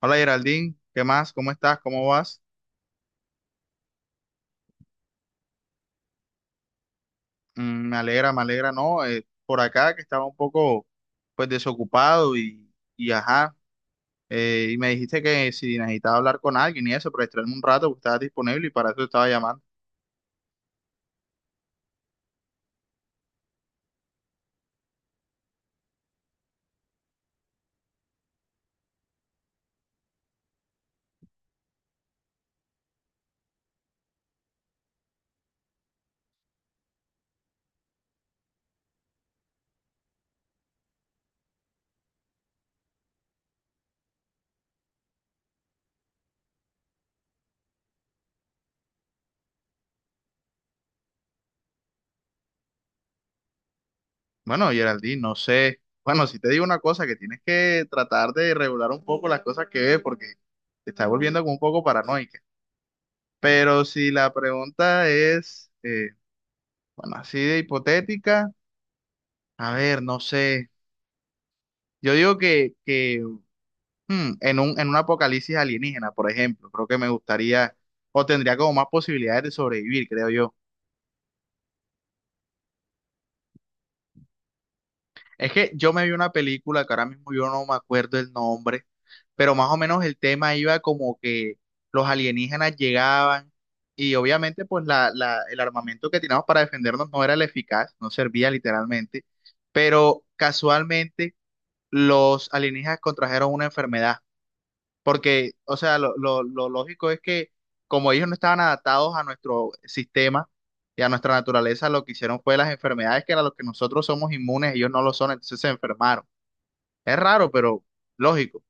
Hola Geraldine, ¿qué más? ¿Cómo estás? ¿Cómo vas? Mm, me alegra, ¿no? Por acá que estaba un poco pues desocupado y ajá, y me dijiste que si necesitaba hablar con alguien y eso, para distraerme un rato, pues estabas disponible y para eso te estaba llamando. Bueno, Geraldine, no sé, bueno, si te digo una cosa, que tienes que tratar de regular un poco las cosas que ves porque te estás volviendo como un poco paranoica. Pero si la pregunta es, bueno, así de hipotética, a ver, no sé. Yo digo que en un apocalipsis alienígena, por ejemplo, creo que me gustaría o tendría como más posibilidades de sobrevivir, creo yo. Es que yo me vi una película que ahora mismo yo no me acuerdo el nombre, pero más o menos el tema iba como que los alienígenas llegaban y obviamente pues el armamento que teníamos para defendernos no era el eficaz, no servía literalmente, pero casualmente los alienígenas contrajeron una enfermedad. Porque, o sea, lo lógico es que como ellos no estaban adaptados a nuestro sistema y a nuestra naturaleza, lo que hicieron fue las enfermedades que a las que nosotros somos inmunes, ellos no lo son, entonces se enfermaron. Es raro, pero lógico.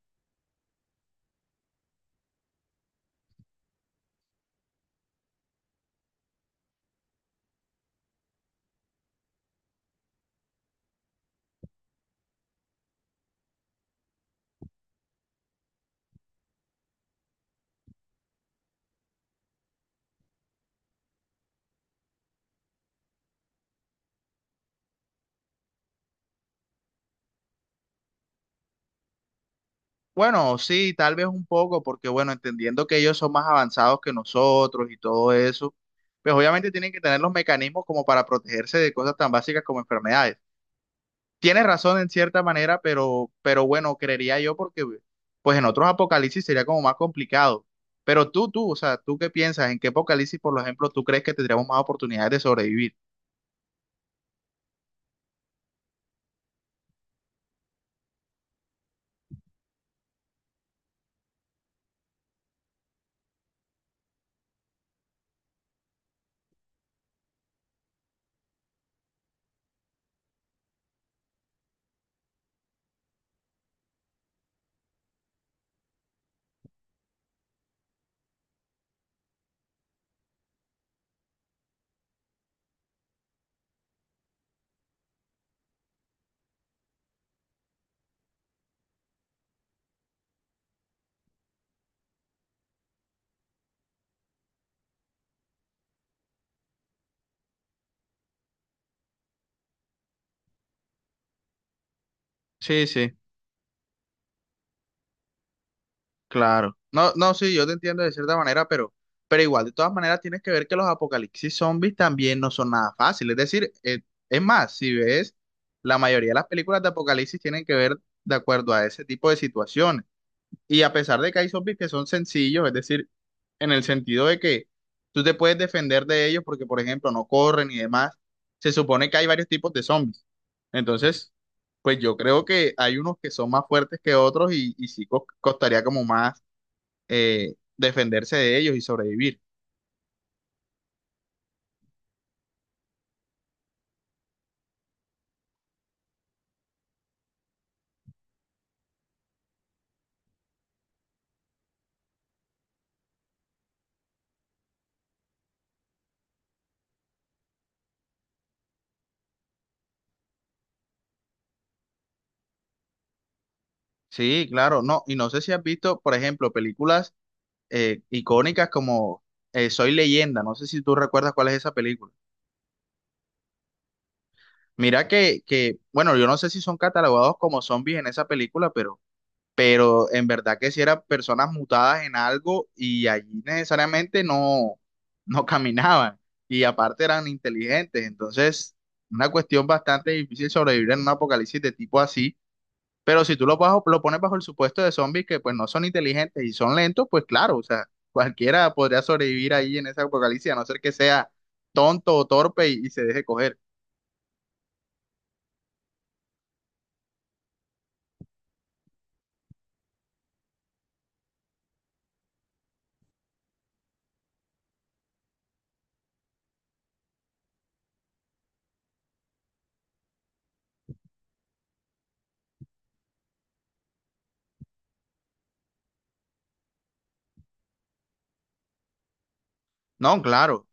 Bueno, sí, tal vez un poco, porque bueno, entendiendo que ellos son más avanzados que nosotros y todo eso, pues obviamente tienen que tener los mecanismos como para protegerse de cosas tan básicas como enfermedades. Tienes razón en cierta manera, pero bueno, creería yo porque pues en otros apocalipsis sería como más complicado. Pero o sea, ¿tú qué piensas? ¿En qué apocalipsis, por ejemplo, tú crees que tendríamos más oportunidades de sobrevivir? Sí, sí, claro. No, no, sí, yo te entiendo de cierta manera, pero igual, de todas maneras, tienes que ver que los apocalipsis zombies también no son nada fáciles. Es decir, es más, si ves, la mayoría de las películas de apocalipsis tienen que ver de acuerdo a ese tipo de situaciones. Y a pesar de que hay zombies que son sencillos, es decir, en el sentido de que tú te puedes defender de ellos porque, por ejemplo, no corren y demás, se supone que hay varios tipos de zombies. Entonces, pues yo creo que hay unos que son más fuertes que otros y sí costaría como más defenderse de ellos y sobrevivir. Sí, claro, no. Y no sé si has visto, por ejemplo, películas icónicas como Soy Leyenda. No sé si tú recuerdas cuál es esa película. Mira bueno, yo no sé si son catalogados como zombies en esa película, pero en verdad que si eran personas mutadas en algo y allí necesariamente no caminaban y aparte eran inteligentes, entonces una cuestión bastante difícil sobrevivir en un apocalipsis de tipo así, pero si tú lo pones bajo el supuesto de zombies que pues no son inteligentes y son lentos, pues claro, o sea, cualquiera podría sobrevivir ahí en ese apocalipsis a no ser que sea tonto o torpe y se deje coger. No, claro.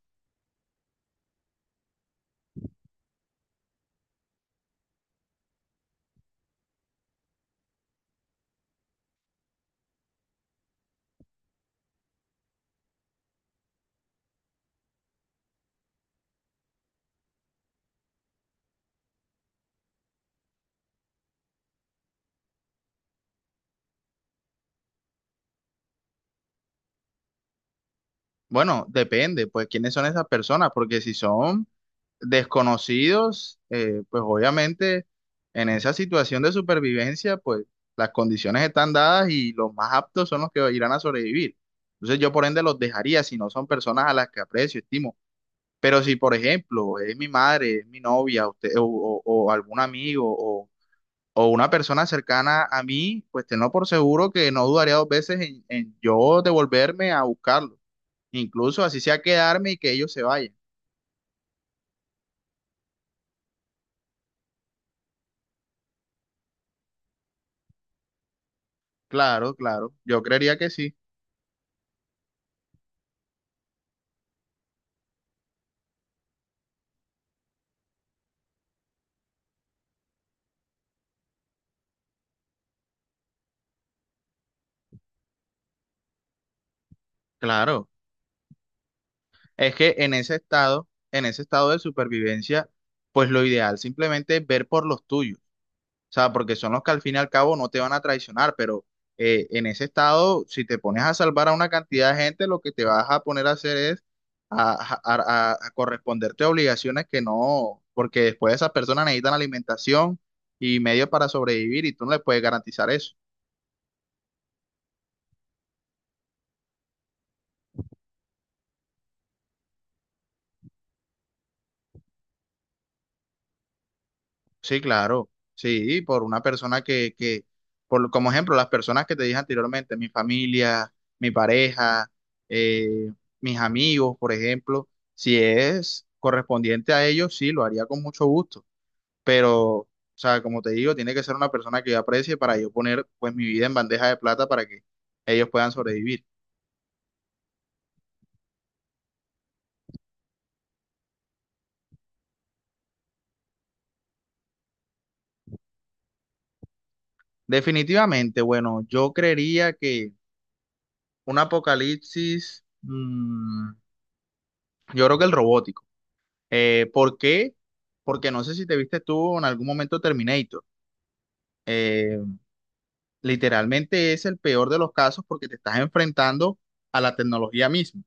Bueno, depende, pues, quiénes son esas personas, porque si son desconocidos, pues obviamente en esa situación de supervivencia, pues las condiciones están dadas y los más aptos son los que irán a sobrevivir. Entonces yo por ende los dejaría si no son personas a las que aprecio, estimo. Pero si, por ejemplo, es mi madre, es mi novia, usted, o algún amigo o una persona cercana a mí, pues tengo por seguro que no dudaría dos veces en yo devolverme a buscarlo. Incluso así sea quedarme y que ellos se vayan. Claro, claro. Yo creería que sí. Claro. Es que en ese estado de supervivencia, pues lo ideal simplemente es ver por los tuyos. O sea, porque son los que al fin y al cabo no te van a traicionar, pero en ese estado, si te pones a salvar a una cantidad de gente, lo que te vas a poner a hacer es a, a corresponderte a obligaciones que no, porque después esas personas necesitan alimentación y medios para sobrevivir y tú no les puedes garantizar eso. Sí, claro, sí, por una persona que por, como ejemplo, las personas que te dije anteriormente, mi familia, mi pareja, eh, mis amigos, por ejemplo, si es correspondiente a ellos, sí, lo haría con mucho gusto, pero, o sea, como te digo, tiene que ser una persona que yo aprecie para yo poner, pues, mi vida en bandeja de plata para que ellos puedan sobrevivir. Definitivamente, bueno, yo creería que un apocalipsis, yo creo que el robótico. ¿Por qué? Porque no sé si te viste tú en algún momento Terminator. Eh, Literalmente es el peor de los casos porque te estás enfrentando a la tecnología misma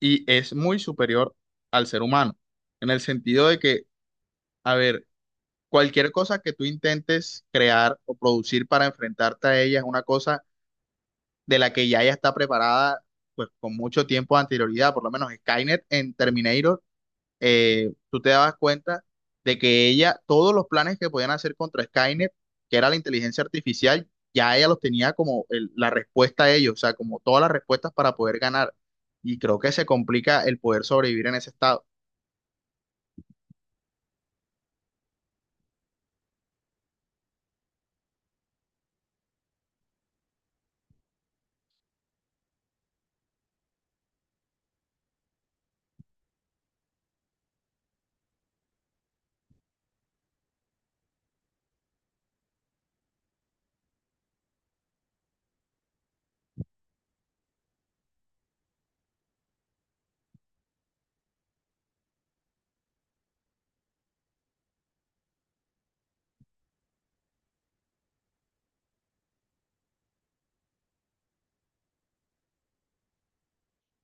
y es muy superior al ser humano, en el sentido de que, a ver, cualquier cosa que tú intentes crear o producir para enfrentarte a ella es una cosa de la que ya ella está preparada, pues con mucho tiempo de anterioridad, por lo menos Skynet en Terminator tú te dabas cuenta de que ella, todos los planes que podían hacer contra Skynet, que era la inteligencia artificial, ya ella los tenía como la respuesta a ellos, o sea, como todas las respuestas para poder ganar. Y creo que se complica el poder sobrevivir en ese estado.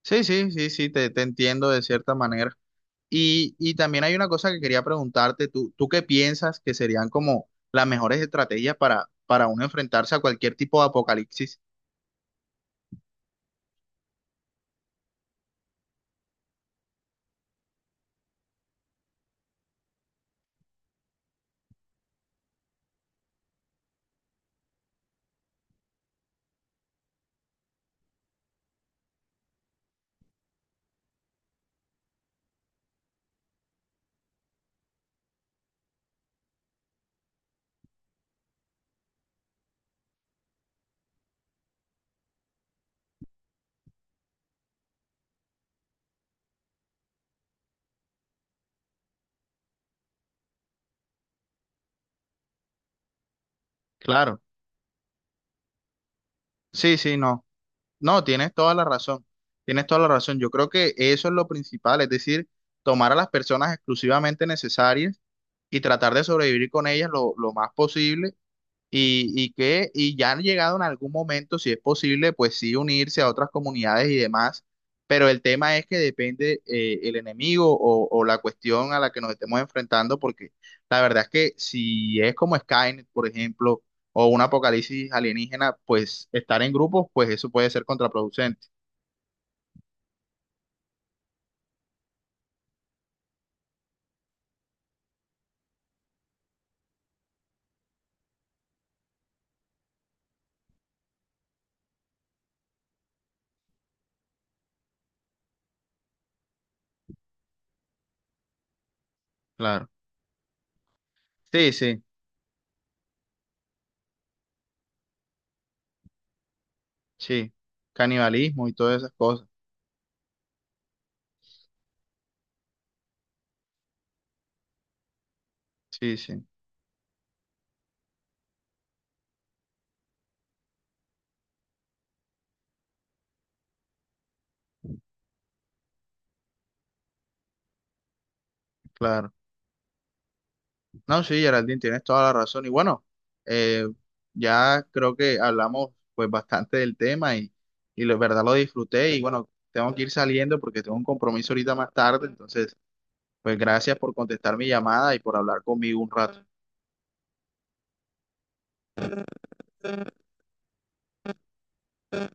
Sí, sí, sí, sí, te entiendo de cierta manera. Y también hay una cosa que quería preguntarte, ¿tú, tú qué piensas que serían como las mejores estrategias para uno enfrentarse a cualquier tipo de apocalipsis? Claro, sí, sí, no. No, tienes toda la razón, tienes toda la razón. Yo creo que eso es lo principal, es decir, tomar a las personas exclusivamente necesarias y tratar de sobrevivir con ellas lo más posible y que y ya han llegado en algún momento, si es posible, pues sí unirse a otras comunidades y demás, pero el tema es que depende el enemigo o la cuestión a la que nos estemos enfrentando, porque la verdad es que si es como Skynet, por ejemplo, o un apocalipsis alienígena, pues estar en grupos, pues eso puede ser contraproducente. Claro. Sí, sí, sí. Canibalismo y todas esas cosas. Sí, sí, claro. No, sí, Geraldine, tienes toda la razón. Y bueno, eh, ya creo que hablamos pues bastante del tema y la verdad lo disfruté. Y bueno, tengo que ir saliendo porque tengo un compromiso ahorita más tarde. Entonces, pues gracias por contestar mi llamada y por hablar conmigo un rato.